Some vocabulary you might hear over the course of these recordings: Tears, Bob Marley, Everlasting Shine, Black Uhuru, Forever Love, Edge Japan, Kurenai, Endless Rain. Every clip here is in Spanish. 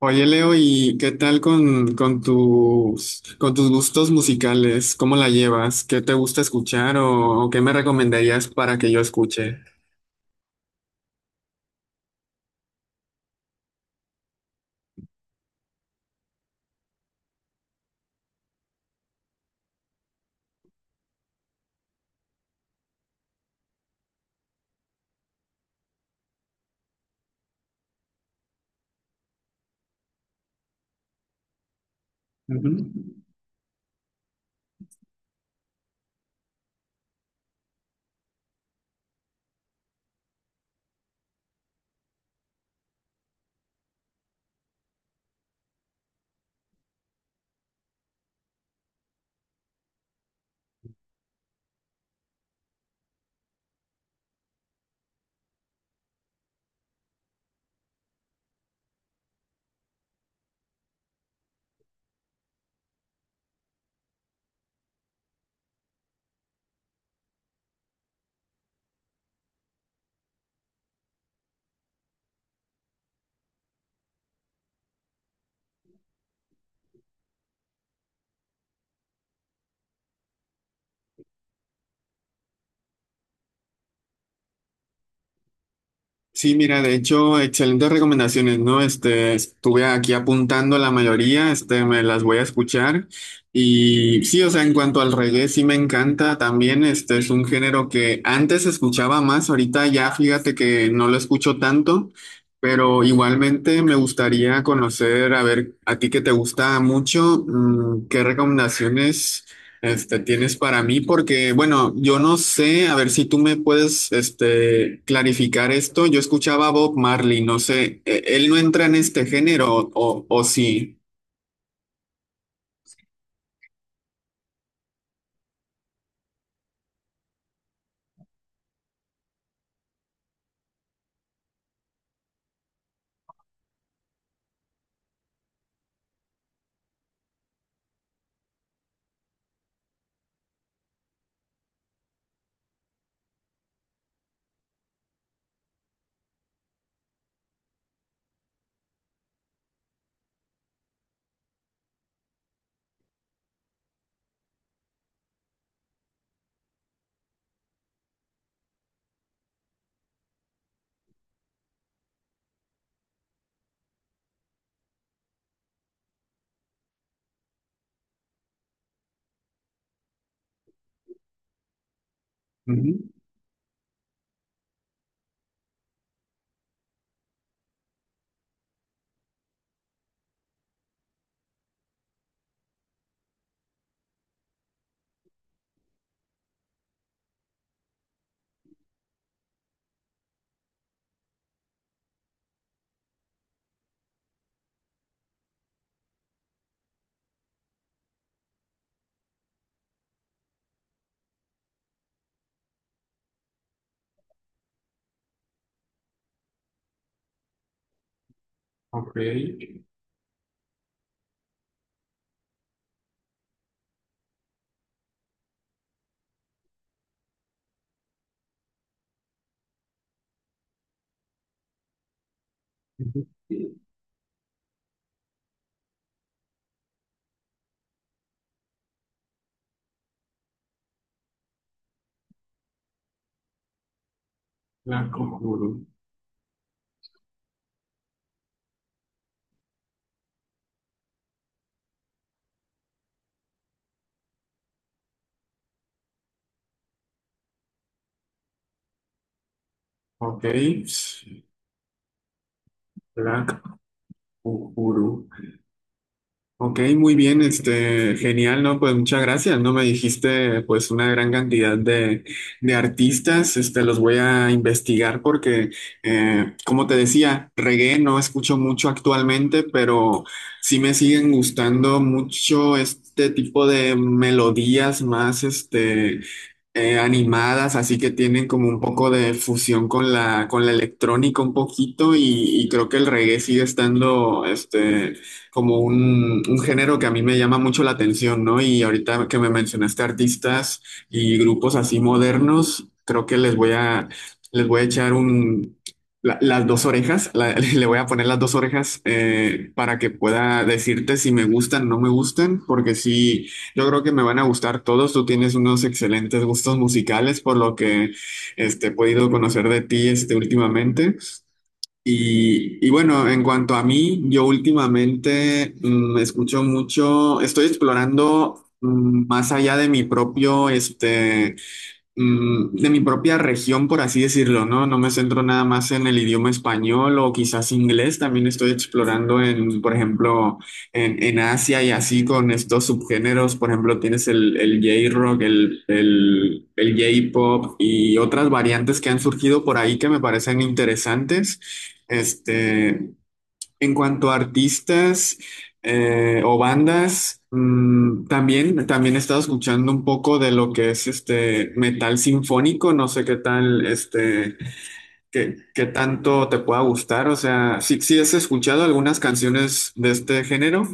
Oye, Leo, ¿y qué tal con tus gustos musicales? ¿Cómo la llevas? ¿Qué te gusta escuchar o qué me recomendarías para que yo escuche? Ujú. Sí, mira, de hecho, excelentes recomendaciones, ¿no? Este, estuve aquí apuntando la mayoría, este, me las voy a escuchar. Y sí, o sea, en cuanto al reggae, sí me encanta también, este, es un género que antes escuchaba más, ahorita ya fíjate que no lo escucho tanto, pero igualmente me gustaría conocer, a ver, a ti que te gusta mucho, ¿qué recomendaciones? Este, tienes para mí porque, bueno, yo no sé, a ver si tú me puedes, este, clarificar esto. Yo escuchaba a Bob Marley, no sé, ¿él no entra en este género o sí? Ujú. Ok. Black Uhuru. Ok, Black Uhuru. Ok, muy bien, este, genial, ¿no? Pues muchas gracias, ¿no? Me dijiste pues una gran cantidad de artistas, este, los voy a investigar porque, como te decía, reggae no escucho mucho actualmente, pero sí me siguen gustando mucho este tipo de melodías más, este, animadas, así que tienen como un poco de fusión con la, electrónica un poquito y creo que el reggae sigue estando, este, como un género que a mí me llama mucho la atención, ¿no? Y ahorita que me mencionaste artistas y grupos así modernos, creo que les voy a echar las dos orejas, le voy a poner las dos orejas, para que pueda decirte si me gustan o no me gustan, porque sí, yo creo que me van a gustar todos. Tú tienes unos excelentes gustos musicales, por lo que, este, he podido conocer de ti, este, últimamente. Y bueno, en cuanto a mí, yo últimamente, escucho mucho, estoy explorando, más allá de mi propio, este, de mi propia región, por así decirlo, ¿no? No me centro nada más en el idioma español o quizás inglés, también estoy explorando en, por ejemplo, en Asia y así con estos subgéneros, por ejemplo, tienes el, el, J-rock, el J-pop y otras variantes que han surgido por ahí que me parecen interesantes. Este, en cuanto a artistas, o bandas, también he estado escuchando un poco de lo que es este metal sinfónico. No sé qué tal, este, qué tanto te pueda gustar. O sea, sí, sí has escuchado algunas canciones de este género.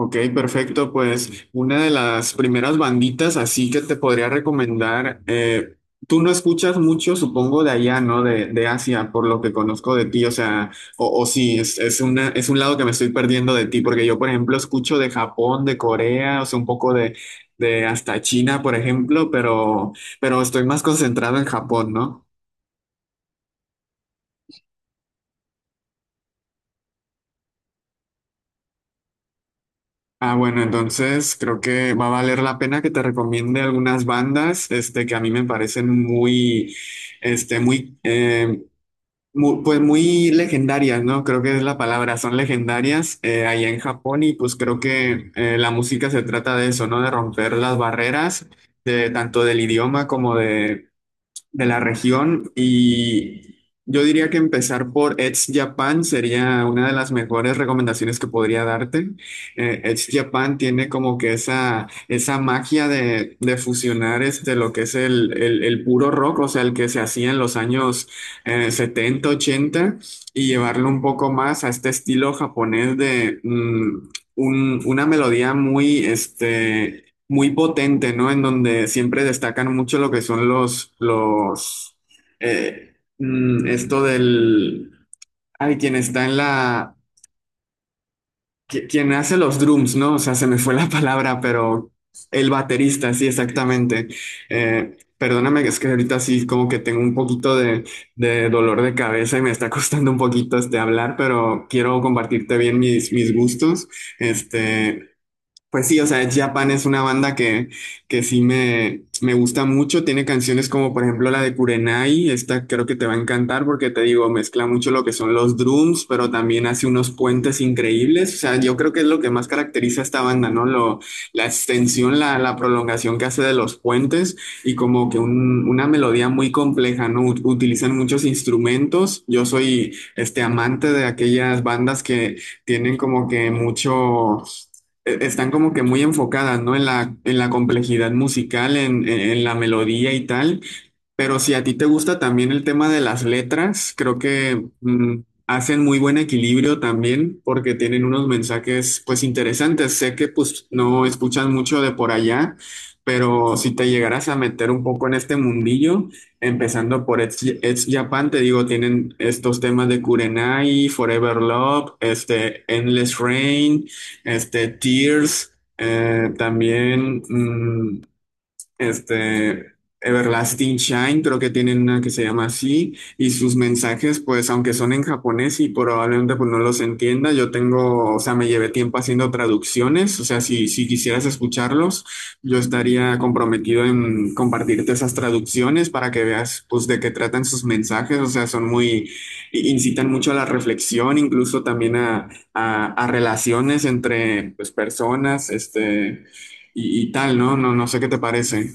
Ok, perfecto. Pues una de las primeras banditas así que te podría recomendar, tú no escuchas mucho, supongo, de allá, ¿no? De Asia, por lo que conozco de ti, o sea, o sí, es un lado que me estoy perdiendo de ti, porque yo, por ejemplo, escucho de Japón, de Corea, o sea, un poco de hasta China, por ejemplo, pero estoy más concentrado en Japón, ¿no? Ah, bueno, entonces creo que va a valer la pena que te recomiende algunas bandas, este, que a mí me parecen muy, este, muy, pues muy legendarias, ¿no? Creo que es la palabra, son legendarias, allá en Japón, y pues creo que, la música se trata de eso, ¿no? De romper las barreras, de tanto del idioma como de la región, y yo diría que empezar por Edge Japan sería una de las mejores recomendaciones que podría darte. Edge Japan tiene como que esa magia de fusionar, este, lo que es el, el puro rock, o sea, el que se hacía en los años, 70, 80, y llevarlo un poco más a este estilo japonés de una melodía muy, este, muy potente, ¿no? En donde siempre destacan mucho lo que son los, los, esto del, ay, quien está en la, quien hace los drums, ¿no? O sea, se me fue la palabra, pero el baterista, sí, exactamente. Perdóname, es que ahorita sí como que tengo un poquito de, dolor de cabeza y me está costando un poquito este hablar, pero quiero compartirte bien mis, gustos. Este, pues sí, o sea, Ed Japan es una banda que, sí me gusta mucho. Tiene canciones como, por ejemplo, la de Kurenai. Esta creo que te va a encantar porque te digo, mezcla mucho lo que son los drums, pero también hace unos puentes increíbles. O sea, yo creo que es lo que más caracteriza a esta banda, ¿no? La extensión, la prolongación que hace de los puentes, y como que una melodía muy compleja, ¿no? Utilizan muchos instrumentos. Yo soy este amante de aquellas bandas que tienen como que mucho, están como que muy enfocadas, ¿no? en la complejidad musical, en, en la melodía y tal, pero si a ti te gusta también el tema de las letras, creo que, hacen muy buen equilibrio también porque tienen unos mensajes pues interesantes. Sé que pues no escuchas mucho de por allá, pero si te llegaras a meter un poco en este mundillo, empezando por Edge Japan, te digo, tienen estos temas de Kurenai, Forever Love, este, Endless Rain, este, Tears, también, este, Everlasting Shine, creo que tienen una que se llama así, y sus mensajes, pues aunque son en japonés y probablemente pues no los entienda, yo tengo, o sea, me llevé tiempo haciendo traducciones, o sea, si quisieras escucharlos, yo estaría comprometido en compartirte esas traducciones para que veas pues de qué tratan sus mensajes, o sea, son muy, incitan mucho a la reflexión, incluso también a, a relaciones entre pues personas, este, y tal, ¿no? No, no sé qué te parece.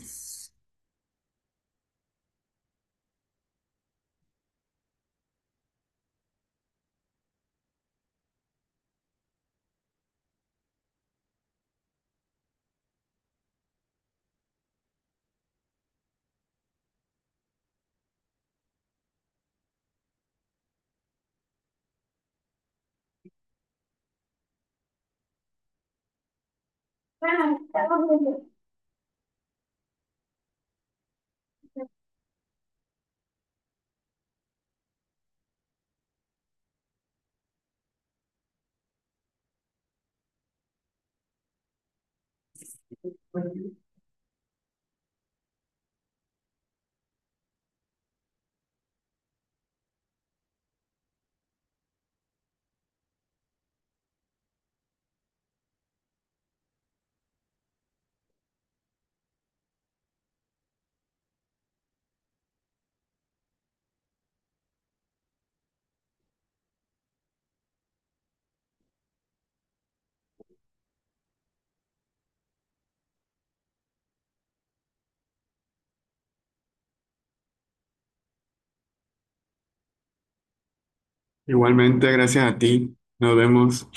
Igualmente, gracias a ti. Nos vemos.